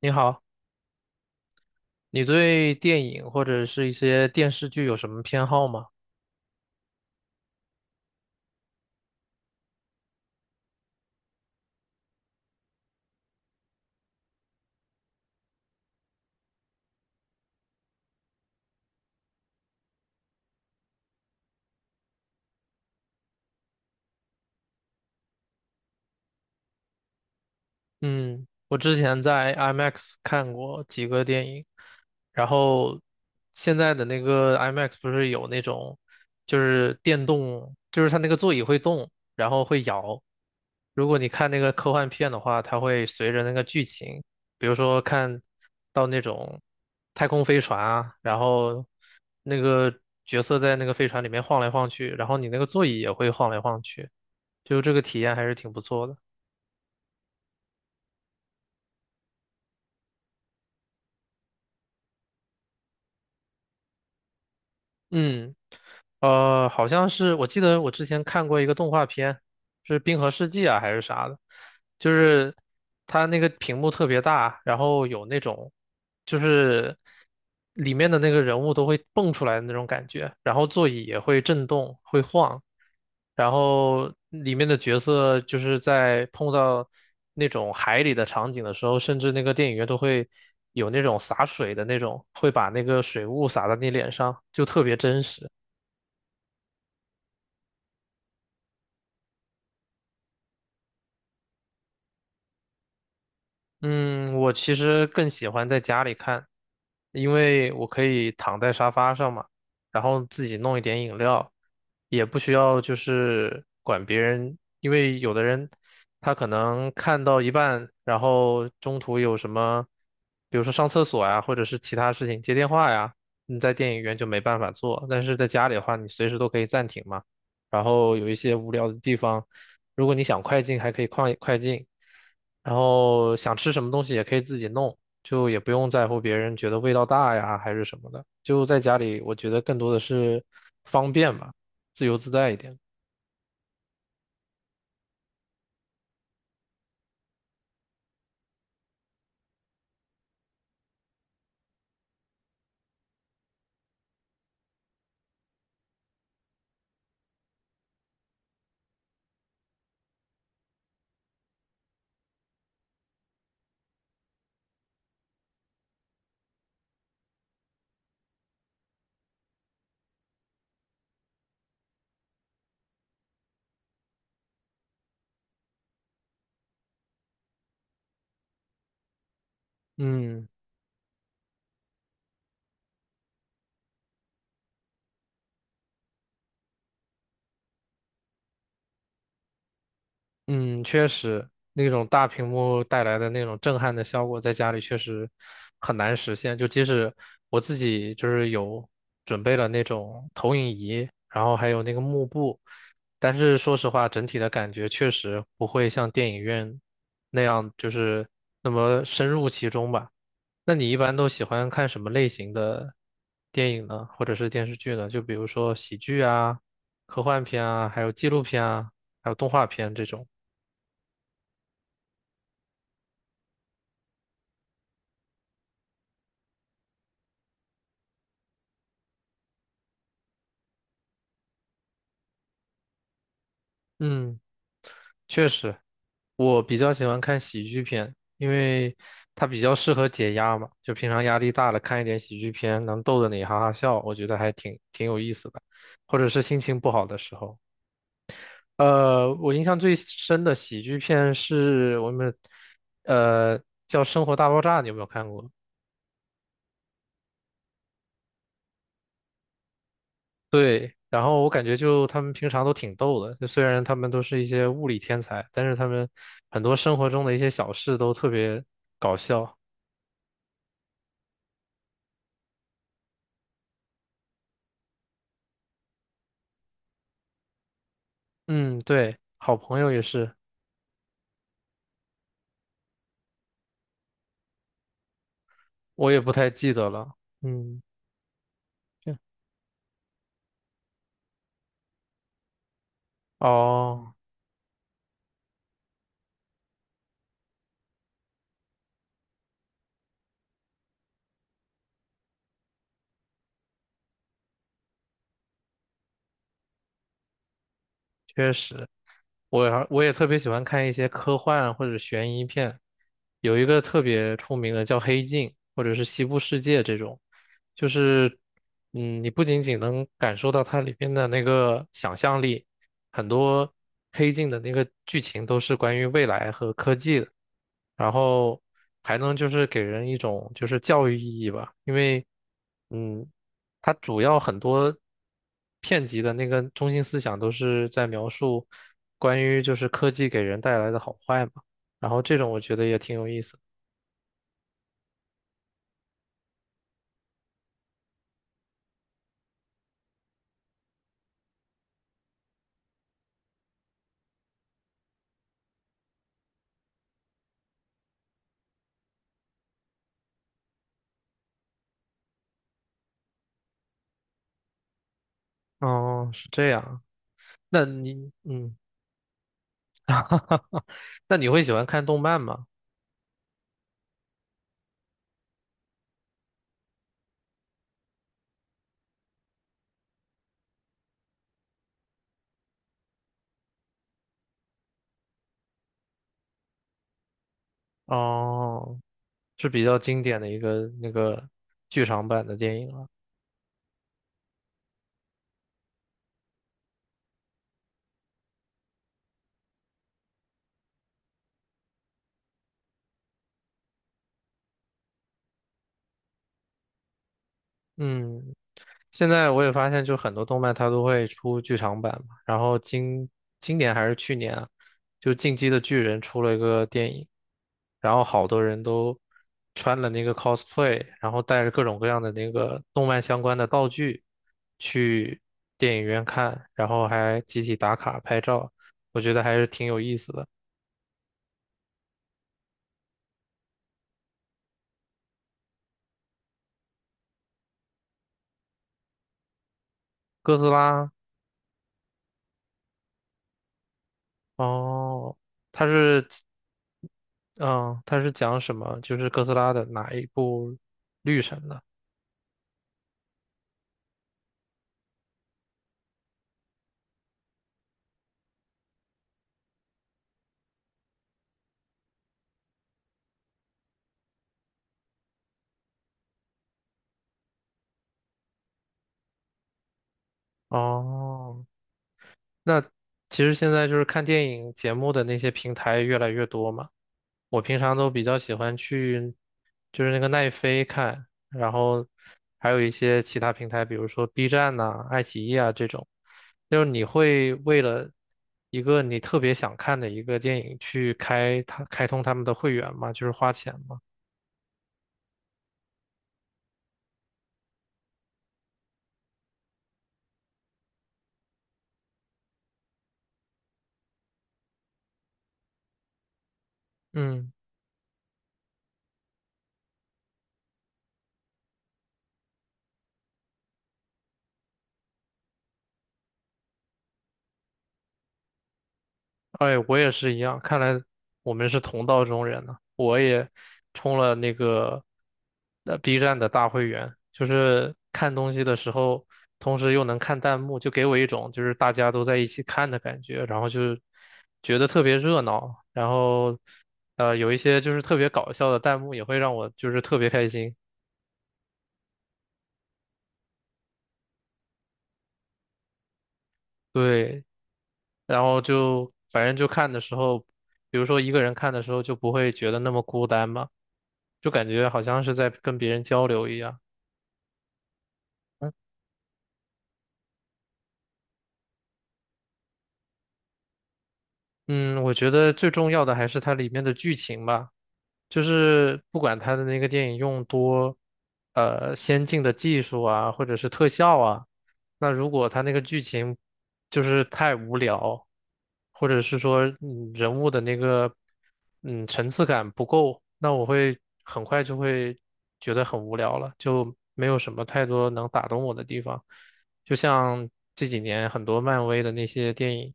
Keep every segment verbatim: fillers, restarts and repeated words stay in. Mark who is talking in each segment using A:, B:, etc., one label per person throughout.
A: 你好，你对电影或者是一些电视剧有什么偏好吗？嗯，我之前在 IMAX 看过几个电影，然后现在的那个 IMAX 不是有那种，就是电动，就是它那个座椅会动，然后会摇。如果你看那个科幻片的话，它会随着那个剧情，比如说看到那种太空飞船啊，然后那个角色在那个飞船里面晃来晃去，然后你那个座椅也会晃来晃去，就这个体验还是挺不错的。嗯，呃，好像是我记得我之前看过一个动画片，是《冰河世纪》啊还是啥的，就是它那个屏幕特别大，然后有那种就是里面的那个人物都会蹦出来的那种感觉，然后座椅也会震动，会晃，然后里面的角色就是在碰到那种海里的场景的时候，甚至那个电影院都会有那种洒水的那种，会把那个水雾洒到你脸上，就特别真实。嗯，我其实更喜欢在家里看，因为我可以躺在沙发上嘛，然后自己弄一点饮料，也不需要就是管别人，因为有的人他可能看到一半，然后中途有什么，比如说上厕所呀，或者是其他事情接电话呀，你在电影院就没办法做，但是在家里的话，你随时都可以暂停嘛。然后有一些无聊的地方，如果你想快进，还可以快快进，然后想吃什么东西也可以自己弄，就也不用在乎别人觉得味道大呀还是什么的，就在家里，我觉得更多的是方便吧，自由自在一点。嗯。嗯，确实，那种大屏幕带来的那种震撼的效果，在家里确实很难实现。就即使我自己就是有准备了那种投影仪，然后还有那个幕布，但是说实话，整体的感觉确实不会像电影院那样，就是那么深入其中吧。那你一般都喜欢看什么类型的电影呢，或者是电视剧呢？就比如说喜剧啊、科幻片啊，还有纪录片啊，还有动画片这种。嗯，确实，我比较喜欢看喜剧片，因为它比较适合解压嘛。就平常压力大了，看一点喜剧片，能逗得你哈哈笑，我觉得还挺挺有意思的。或者是心情不好的时候，呃，我印象最深的喜剧片是我们，呃，叫《生活大爆炸》，你有没有看过？对，然后我感觉就他们平常都挺逗的，就虽然他们都是一些物理天才，但是他们很多生活中的一些小事都特别搞笑。嗯，对，好朋友也是，我也不太记得了。嗯，这哦，确实，我还我也特别喜欢看一些科幻或者悬疑片，有一个特别出名的叫《黑镜》或者是《西部世界》这种，就是嗯，你不仅仅能感受到它里边的那个想象力，很多黑镜的那个剧情都是关于未来和科技的，然后还能就是给人一种就是教育意义吧，因为嗯，它主要很多片集的那个中心思想都是在描述关于就是科技给人带来的好坏嘛，然后这种我觉得也挺有意思。哦，是这样，那你嗯，那你会喜欢看动漫吗？哦。是比较经典的一个那个剧场版的电影了。嗯，现在我也发现，就很多动漫它都会出剧场版嘛。然后今今年还是去年啊，就《进击的巨人》出了一个电影，然后好多人都穿了那个 cosplay，然后带着各种各样的那个动漫相关的道具去电影院看，然后还集体打卡拍照，我觉得还是挺有意思的。哥斯拉，哦。它是嗯，它是讲什么？就是哥斯拉的哪一部绿神的？哦，那其实现在就是看电影节目的那些平台越来越多嘛。我平常都比较喜欢去，就是那个奈飞看，然后还有一些其他平台，比如说 B 站呐、爱奇艺啊这种。就是你会为了一个你特别想看的一个电影去开它开通他们的会员吗？就是花钱吗？嗯。哎，我也是一样，看来我们是同道中人呢。我也充了那个呃 B 站的大会员，就是看东西的时候，同时又能看弹幕，就给我一种就是大家都在一起看的感觉，然后就觉得特别热闹，然后呃有一些就是特别搞笑的弹幕也会让我就是特别开心，对，然后就反正就看的时候，比如说一个人看的时候就不会觉得那么孤单嘛。就感觉好像是在跟别人交流一样。嗯，我觉得最重要的还是它里面的剧情吧，就是不管它的那个电影用多，呃，先进的技术啊，或者是特效啊，那如果它那个剧情就是太无聊，或者是说嗯人物的那个嗯层次感不够，那我会很快就会觉得很无聊了，就没有什么太多能打动我的地方。就像这几年很多漫威的那些电影，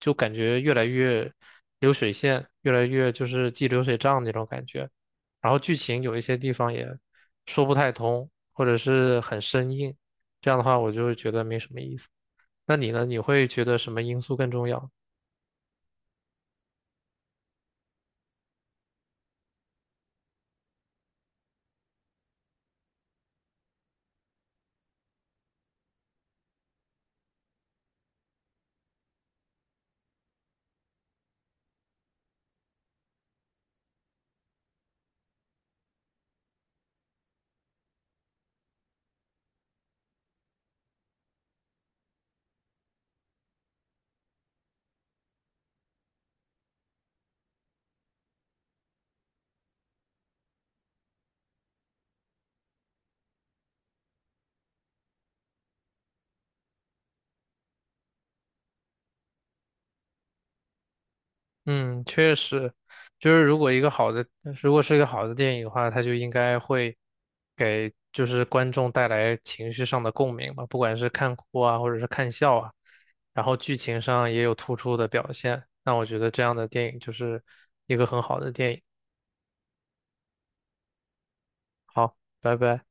A: 就感觉越来越流水线，越来越就是记流水账那种感觉。然后剧情有一些地方也说不太通，或者是很生硬。这样的话，我就会觉得没什么意思。那你呢？你会觉得什么因素更重要？嗯，确实，就是如果一个好的，如果是一个好的电影的话，它就应该会给就是观众带来情绪上的共鸣吧，不管是看哭啊，或者是看笑啊，然后剧情上也有突出的表现，那我觉得这样的电影就是一个很好的电影。好，拜拜。